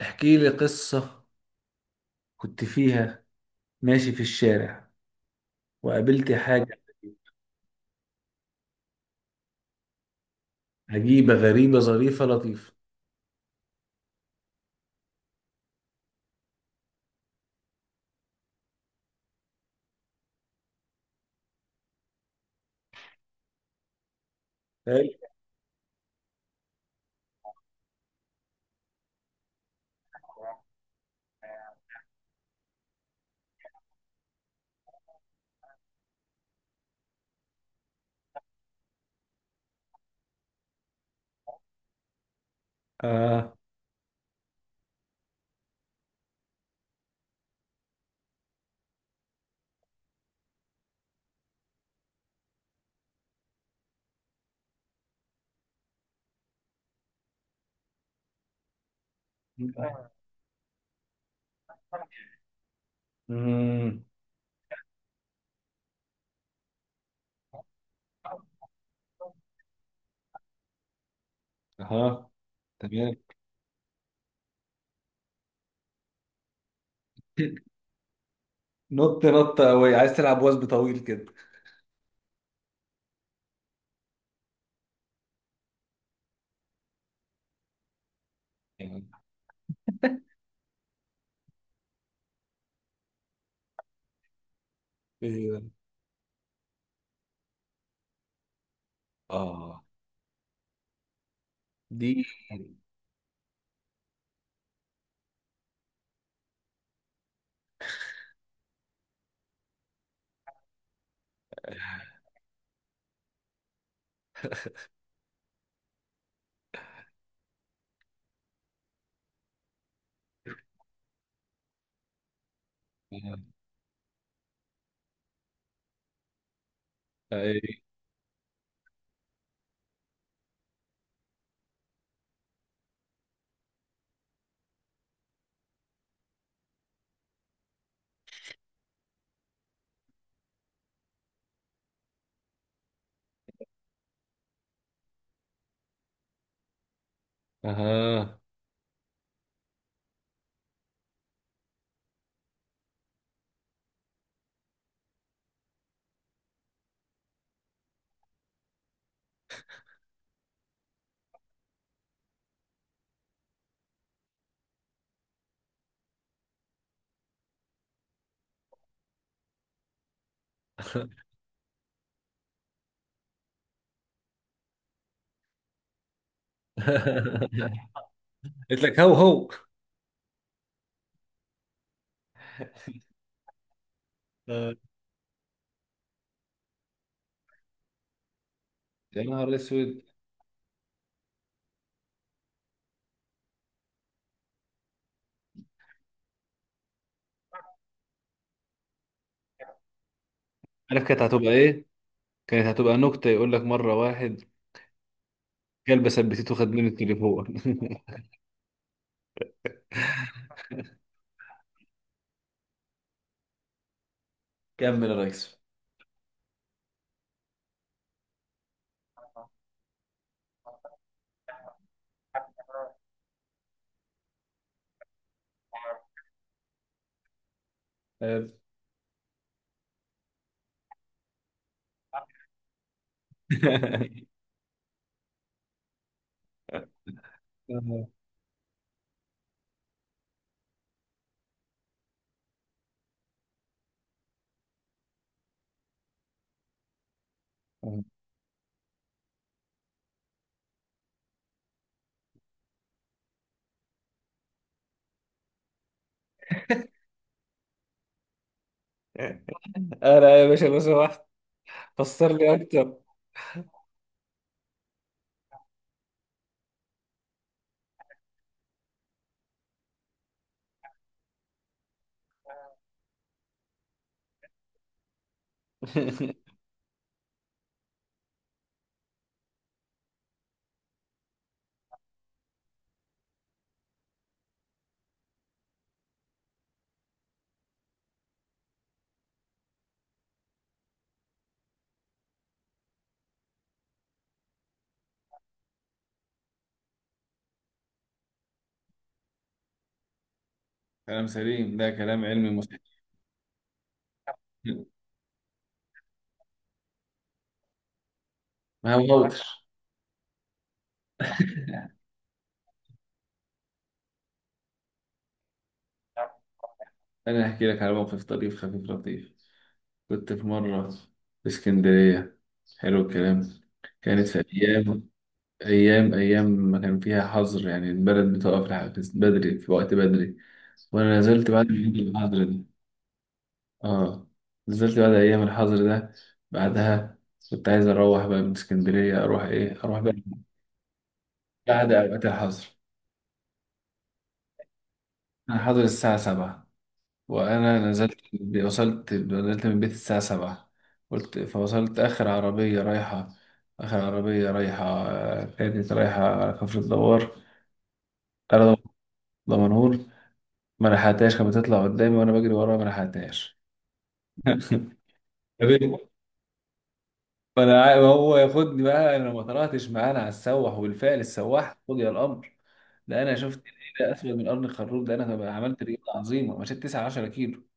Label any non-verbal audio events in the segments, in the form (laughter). احكي لي قصة كنت فيها ماشي في الشارع وقابلت حاجة عجيبة غريبة ظريفة لطيفة. حلو. آه. مم. أها. تمام. نط نط قوي، عايز تلعب وثب طويل كده؟ يعني إيه ده؟ آه دي. أي. أها. (laughs) قلت لك هو هو. آه. يا نهار اسود، عارف كانت هتبقى ايه؟ كانت هتبقى نكتة، يقول لك مرة واحد كلب ثبتته خد منه التليفون. (laughs) كمل يا ريس. آه. (laughs) أنا يا باشا لو سمحت فسر لي أكتر. (laughs) كلام سليم، ده كلام علمي مصحح. ما هوتش. انا هحكي لك على موقف طريف خفيف لطيف. كنت في مره في اسكندريه. حلو الكلام. كانت في ايام ايام ما كان فيها حظر، يعني البلد بتقف لحد بدري، في وقت بدري، وانا نزلت بعد الحظر ده. اه، نزلت بعد ايام الحظر ده، بعدها كنت عايز اروح بقى من اسكندريه، اروح ايه اروح بقى. بعد اوقات الحظر، انا حاضر الساعه 7 وانا نزلت، وصلت، نزلت من بيت الساعه 7، قلت فوصلت اخر عربيه رايحه، اخر عربيه رايحه آه، كانت رايحه على كفر الدوار. انا دمنهور، ما لحقتهاش، كانت بتطلع قدامي وانا بجري وراها ما لحقتهاش. (laughs) قابلت، ما هو ياخدني بقى، انا ما طلعتش معانا على السواح والفعل السواح قضي الامر. ده انا شفت ايه، ده اسود من قرن الخروف، ده انا عملت رياضه عظيمه، مشيت 9 10 كيلو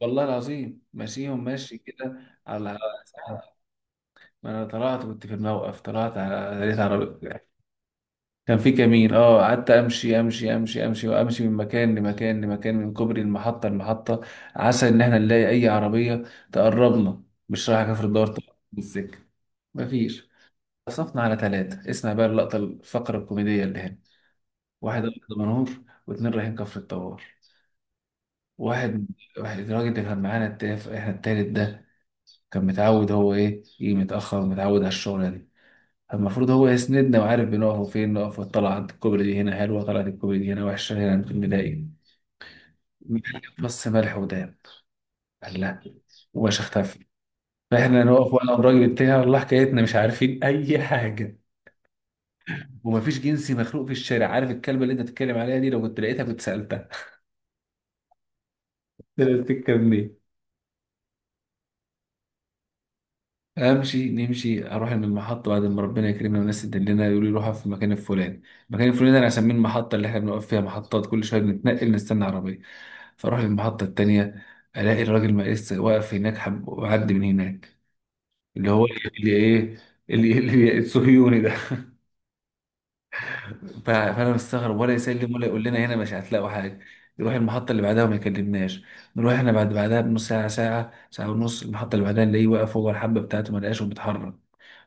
والله العظيم، ماشيهم ماشي كده على. (laughs) ما انا طلعت كنت في الموقف، طلعت على لقيت عربية، كان في كمين. اه قعدت امشي امشي امشي امشي وامشي، من مكان لمكان لمكان، من كوبري المحطه، المحطه، عسى ان احنا نلاقي اي عربيه تقربنا، مش رايح كفر الدار طبعا بالسكه. مفيش. صفنا على ثلاثة، اسمع بقى اللقطة الفقرة الكوميدية اللي هنا، واحد أبيض منور واتنين رايحين كفر الطوار. واحد واحد الراجل اللي كان معانا التاف، احنا التالت ده كان متعود، هو ايه، يجي متأخر ومتعود على الشغلة دي، فالمفروض هو يسندنا وعارف بنقف فين نقف، وطلع عند الكوبري دي هنا حلوة، طلعت الكوبري دي هنا وحشة، هنا ممكن نلاقي. بص، ملح وداب، قال لا، وباش اختفى. فاحنا نقف، وانا والراجل بتاعي والله حكايتنا مش عارفين اي حاجة، ومفيش جنسي مخلوق في الشارع، عارف الكلمه اللي انت بتتكلم عليها دي، لو كنت لقيتها كنت سالتها، طلعت الكلام دي. امشي نمشي، اروح من المحطه بعد ما ربنا يكرمنا والناس تدلنا، يقولوا لي روحها في المكان الفلاني. المكان الفلاني ده انا اسميه المحطه، اللي احنا بنقف فيها محطات كل شويه بنتنقل نستنى عربيه. فاروح المحطه التانيه، الاقي الراجل ما لسه واقف هناك، حب وعدي من هناك، اللي هو اللي ايه، اللي ايه؟ اللي الصهيوني ده. فانا مستغرب، ولا يسلم ولا يقول لنا هنا مش هتلاقوا حاجه، يروح المحطه اللي بعدها وما يكلمناش، نروح احنا بعد بعدها بنص ساعه، ساعه، ساعه ونص، المحطه اللي بعدها نلاقيه واقف، هو الحبه بتاعته ما لقاش وبيتحرك.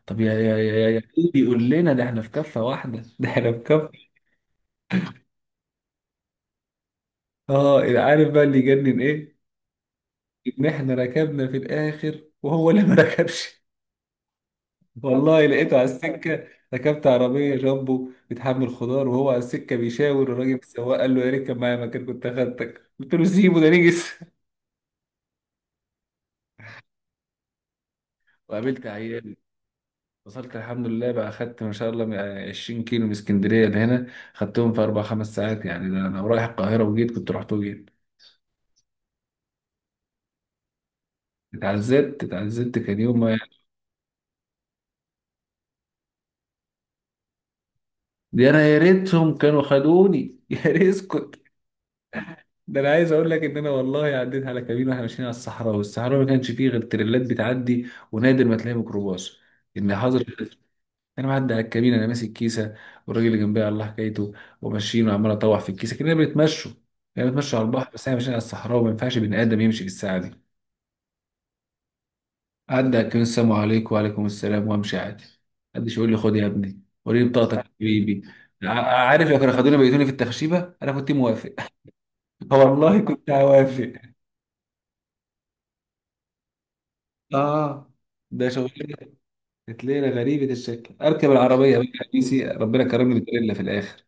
طب يا إيه بيقول لنا ده، احنا في كفه واحده، (laughs) ده احنا في كفه. اه، عارف بقى اللي يجنن ايه؟ ان احنا ركبنا في الاخر، وهو اللي ما (laughs) ركبش، والله لقيته على السكه، ركبت عربيه جامبو بتحمل خضار، وهو على السكه بيشاور الراجل السواق، قال له يا ريت كان معايا مكان كنت اخدتك، قلت له سيبه ده نجس. وقابلت عيال، وصلت الحمد لله بقى، خدت ما شاء الله من 20 كيلو من اسكندريه لهنا، خدتهم في اربع خمس ساعات يعني، ده انا رايح القاهره وجيت، كنت رحت وجيت. اتعذبت، اتعذبت، كان يوم ما. دي انا يا ريتهم كانوا خدوني، (laughs) يا ريت اسكت. ده انا عايز اقول لك ان انا والله عديت على كمين، واحنا ماشيين على الصحراء، والصحراء ما كانش فيه غير تريلات بتعدي، ونادر ما تلاقي ميكروباص. ان حاضر، انا معدي على الكمين انا ماسك كيسه، والراجل اللي جنبي على الله حكايته، وماشيين وعمال اطوح في الكيسه، كنا بنتمشوا، كنا بنتمشوا على البحر، بس احنا ماشيين على الصحراء، وما ينفعش بني ادم يمشي بالساعه دي. عدى على الكمين، السلام عليكم وعليكم السلام، وامشي عادي، محدش يقول لي خد يا ابني وريني بطاقتك يا حبيبي. عارف، يا كانوا خدوني بيتوني في التخشيبه انا كنت موافق، (laughs) والله كنت هوافق. اه ده شغلانه. كانت ليله غريبه الشكل، اركب العربيه بقى حديثي ربنا كرمني بالليله في الاخر،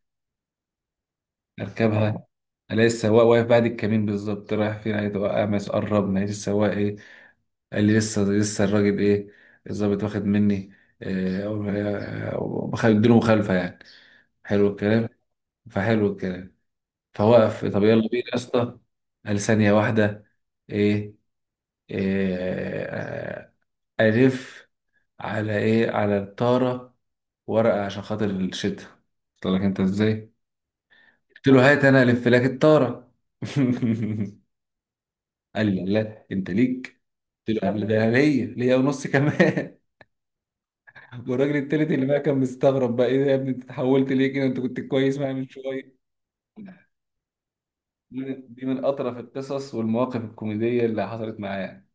اركبها. أنا لسه السواق واقف بعد الكمين بالظبط، رايح فين، عايز اوقع مس، قربنا لقيت السواق ايه، قال لي لسه، لسه الراجل ايه الظابط واخد مني إيه، اديله مخالفه يعني. حلو الكلام، فحلو الكلام، فوقف. طب يلا بينا يا اسطى. قال ثانيه واحده ايه, إيه آه، الف، على ايه؟ على الطاره ورقه عشان خاطر الشتا. قلت لك انت ازاي، قلت له هات انا الف لك الطاره. (laughs) قال لي لا انت ليك. قلت له ده ليا، ليا ونص كمان. (laughs) والراجل التالت اللي بقى كان مستغرب، بقى ايه ده يا ابني، انت اتحولت ليه كده، انت كنت كويس معايا من شويه. دي من دي من اطرف القصص والمواقف الكوميديه اللي حصلت معايا.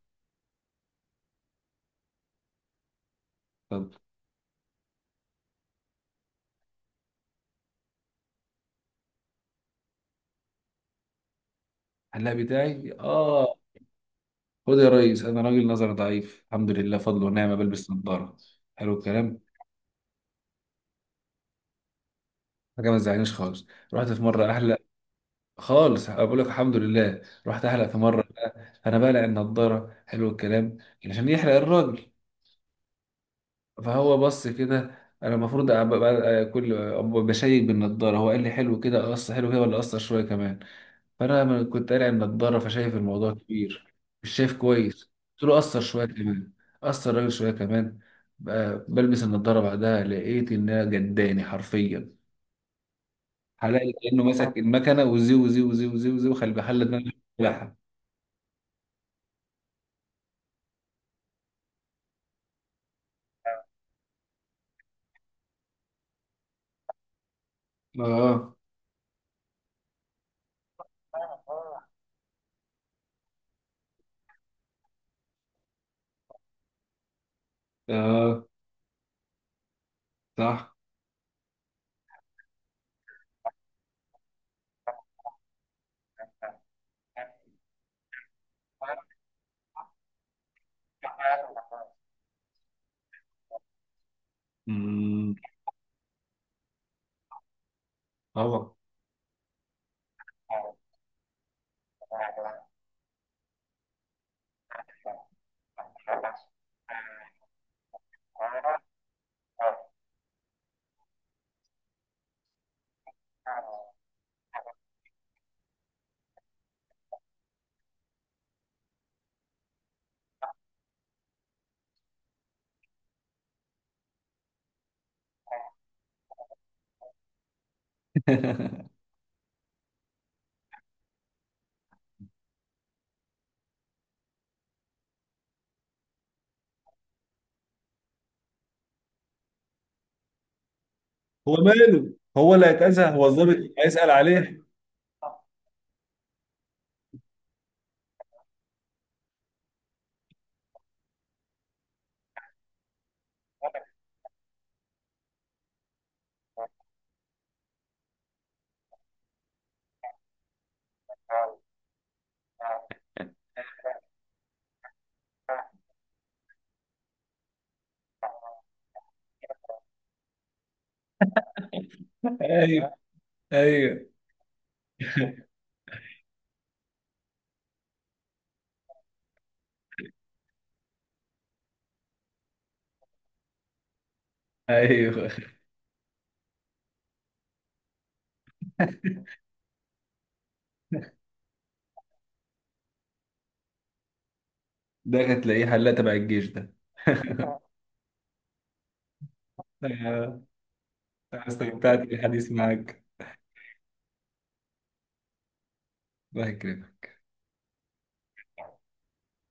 طب هلا بتاعي، اه، خد يا ريس، انا راجل نظر ضعيف الحمد لله فضل ونعمه، بلبس نظاره. حلو الكلام. حاجه ما تزعلنيش خالص، رحت في مره احلق، خالص بقول لك الحمد لله، رحت احلق في مره، انا بقلع النضاره. حلو الكلام. عشان يحلق الراجل، فهو بص كده، انا المفروض كل أبقى بشيك بالنضاره، هو قال لي حلو كده قص، حلو كده ولا قصر شويه كمان، فانا لما كنت قارع النضاره، فشايف الموضوع كبير، مش شايف كويس، قلت له قصر شويه كمان، قصر الراجل شويه كمان، بقى بلبس النضاره بعدها لقيت انها جداني حرفيا، حلقلي كانه ماسك المكنه، وزي وخلي بحل دماغي بتاعها. اه، اه، صح. امم. طبعا. هو ماله، هو اللي هيتأذى، هو الضابط هيسأل عليه. ايوه ايوه ايوه ده هتلاقيه حلاق تبع الجيش ده. آه، أنا استمتعت بالحديث معاك. الله يكرمك.